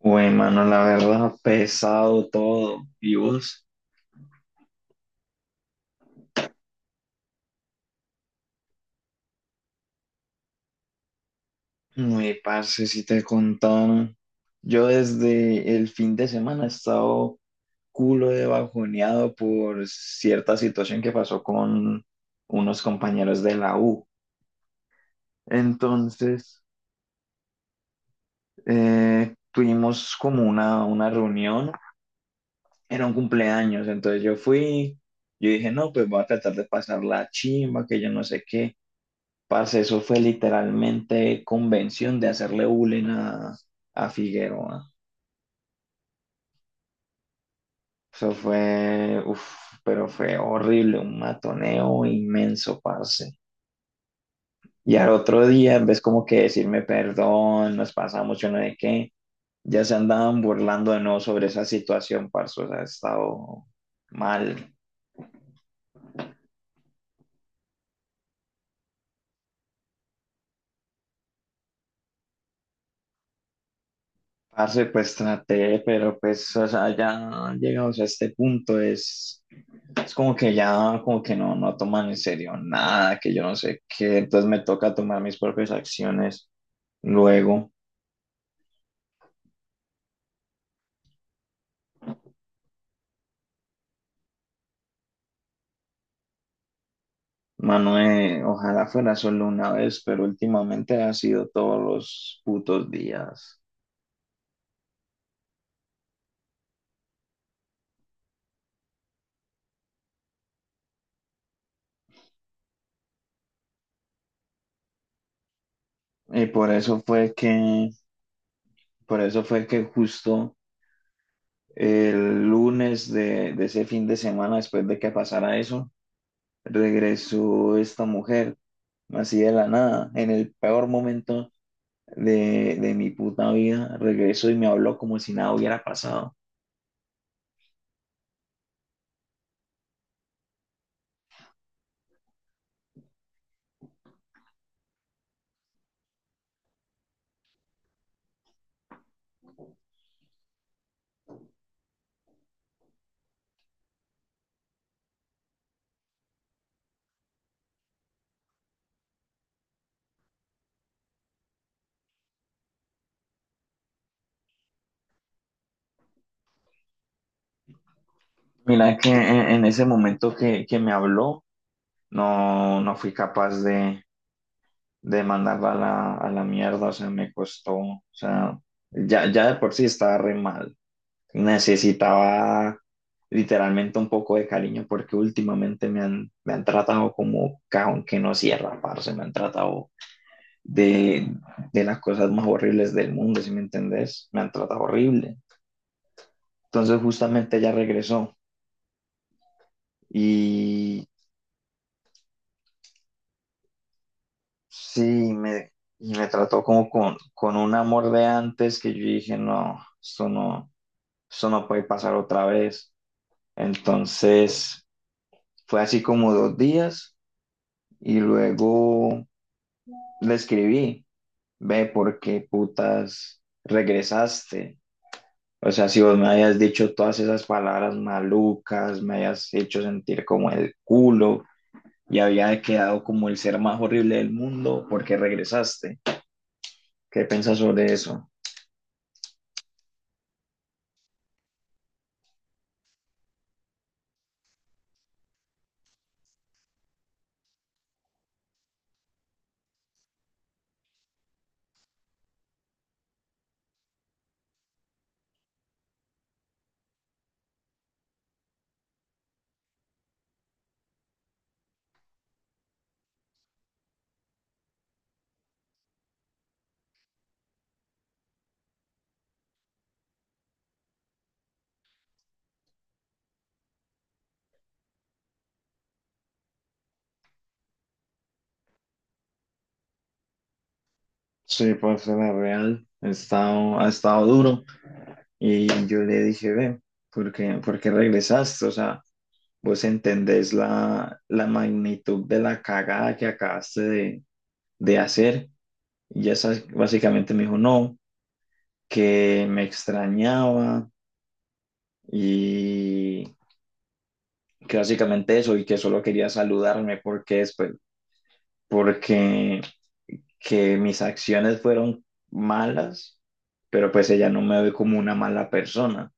Güey, mano, la verdad, pesado todo. ¿Y vos? Muy parce, si te contaron. Yo desde el fin de semana he estado culo de bajoneado por cierta situación que pasó con unos compañeros de la U. Entonces, tuvimos como una reunión, era un cumpleaños, entonces yo fui, yo dije, no, pues voy a tratar de pasar la chimba, que yo no sé qué. Parce, eso fue literalmente convención de hacerle bullying a Figueroa. Eso fue, uff, pero fue horrible, un matoneo inmenso, parce. Y al otro día, en vez como que decirme perdón, nos pasamos, yo no sé qué, ya se andaban burlando de nuevo sobre esa situación, parce, o sea, ha estado mal. Parce, pues traté, pero pues, o sea, ya llegamos a este punto, es como que ya, como que no toman en serio nada, que yo no sé qué, entonces me toca tomar mis propias acciones luego. Manuel, ojalá fuera solo una vez, pero últimamente ha sido todos los putos días. Y por eso fue que, por eso fue que justo el lunes de ese fin de semana, después de que pasara eso, regresó esta mujer, así de la nada, en el peor momento de mi puta vida. Regreso y me habló como si nada hubiera pasado. Mira es que en ese momento que me habló, no fui capaz de mandarla a a la mierda, o sea, me costó, o sea, ya de por sí estaba re mal. Necesitaba literalmente un poco de cariño porque últimamente me han tratado como cajón que no cierra, parce, me han tratado de, de las cosas más horribles del mundo, si me entendés, me han tratado horrible. Entonces justamente ella regresó y sí, me, y me trató como con un amor de antes que yo dije, no, esto no puede pasar otra vez. Entonces fue así como dos días y luego le escribí, ve, ¿por qué putas regresaste? O sea, si vos me habías dicho todas esas palabras malucas, me habías hecho sentir como el culo y había quedado como el ser más horrible del mundo porque regresaste. ¿Qué piensas sobre eso? Sí, pues la real ha estado duro y yo le dije, ve, ¿por qué regresaste? O sea, vos entendés la, la magnitud de la cagada que acabaste de hacer. Y ya sabes, básicamente me dijo, no, que me extrañaba y que básicamente eso y que solo quería saludarme porque después, porque que mis acciones fueron malas, pero pues ella no me ve como una mala persona.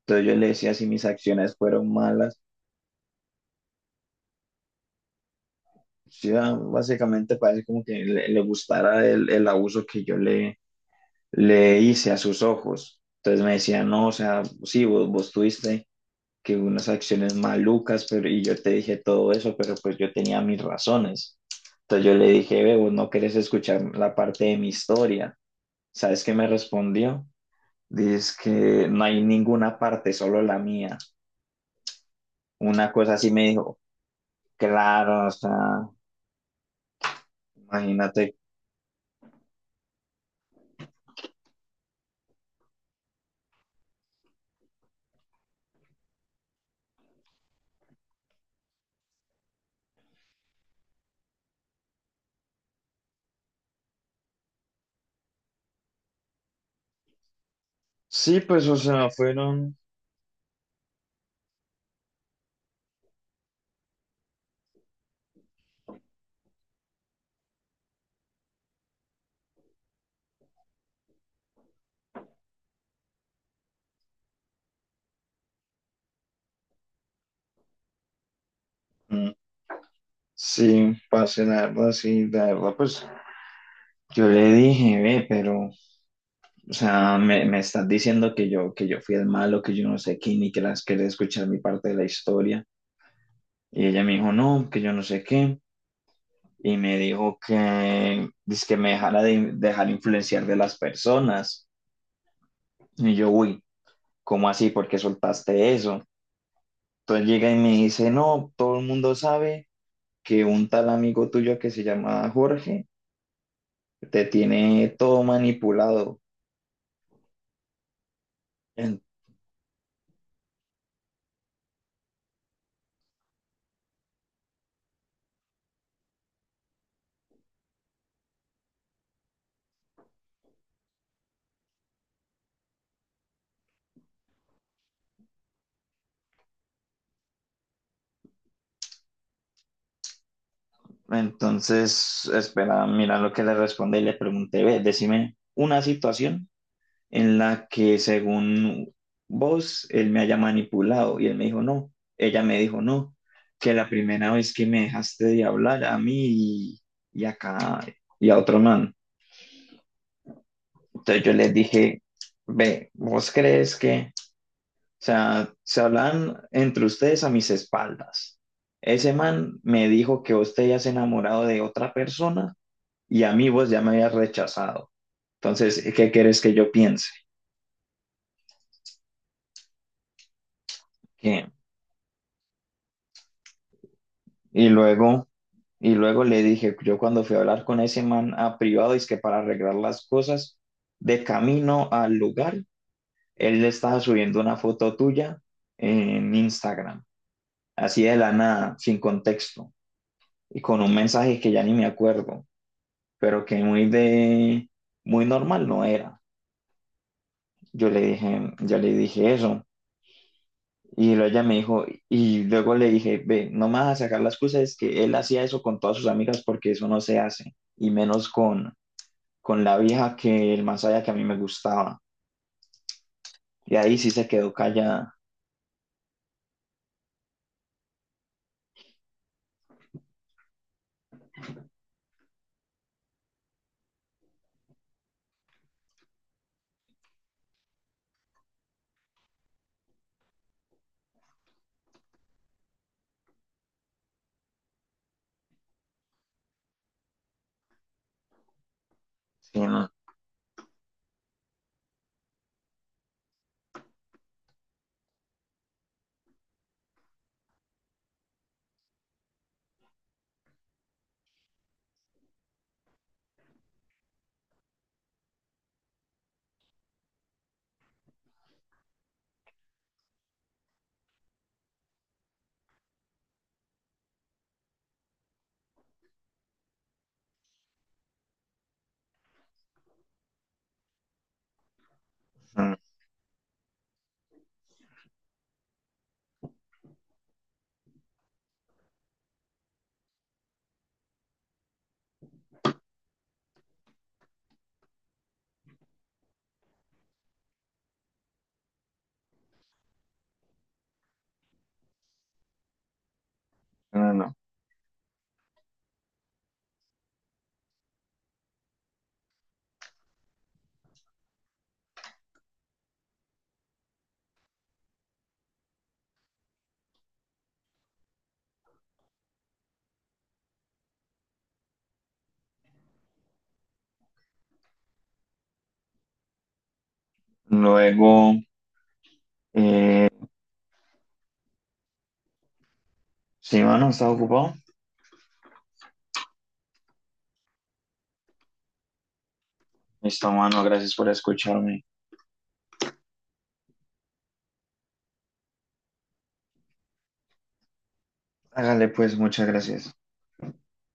Entonces yo le decía si mis acciones fueron malas. Sí, ah, básicamente parece como que le gustara el abuso que yo le hice a sus ojos. Entonces me decía, no, o sea, sí, vos tuviste que unas acciones malucas, pero y yo te dije todo eso, pero pues yo tenía mis razones. Entonces yo le dije, ve, vos no querés escuchar la parte de mi historia. ¿Sabes qué me respondió? Dice que no hay ninguna parte, solo la mía. Una cosa así me dijo, claro, o sea, imagínate. Sí, pues, o sea, fueron. mm, Sí, pasé la verdad, sí, la verdad, pues yo le dije, ve, pero, o sea, me estás diciendo que yo fui el malo, que yo no sé qué, ni que las quería escuchar mi parte de la historia. Y ella me dijo, no, que yo no sé qué. Y me dijo que, dice que me dejara de dejar influenciar de las personas. Y yo, uy. ¿Cómo así? ¿Por qué soltaste eso? Entonces llega y me dice, no, todo el mundo sabe que un tal amigo tuyo que se llama Jorge te tiene todo manipulado. En- entonces, espera, mira lo que le responde y le pregunté, ve, decime una situación en la que según vos él me haya manipulado y él me dijo no, ella me dijo no, que la primera vez que me dejaste de hablar a mí y acá y a otro man. Entonces yo les dije, ve, ¿vos crees que, o sea, se hablan entre ustedes a mis espaldas? Ese man me dijo que vos te hayas enamorado de otra persona y a mí vos ya me habías rechazado. Entonces, ¿qué quieres que yo piense? ¿Qué? Y luego, y luego le dije, yo cuando fui a hablar con ese man a privado, es que para arreglar las cosas, de camino al lugar, él le estaba subiendo una foto tuya en Instagram, así de la nada, sin contexto, y con un mensaje que ya ni me acuerdo, pero que muy de, muy normal no era. Yo le dije, eso, y luego ella me dijo, y luego le dije, ve, no me vas a sacar la excusa, es que él hacía eso con todas sus amigas porque eso no se hace, y menos con la vieja que el más allá que a mí me gustaba. Y ahí sí se quedó callada. Sí, no, no, no, no. Luego, eh, sí, mano, ¿estás ocupado? Listo, mano, gracias por escucharme. Hágale pues, muchas gracias.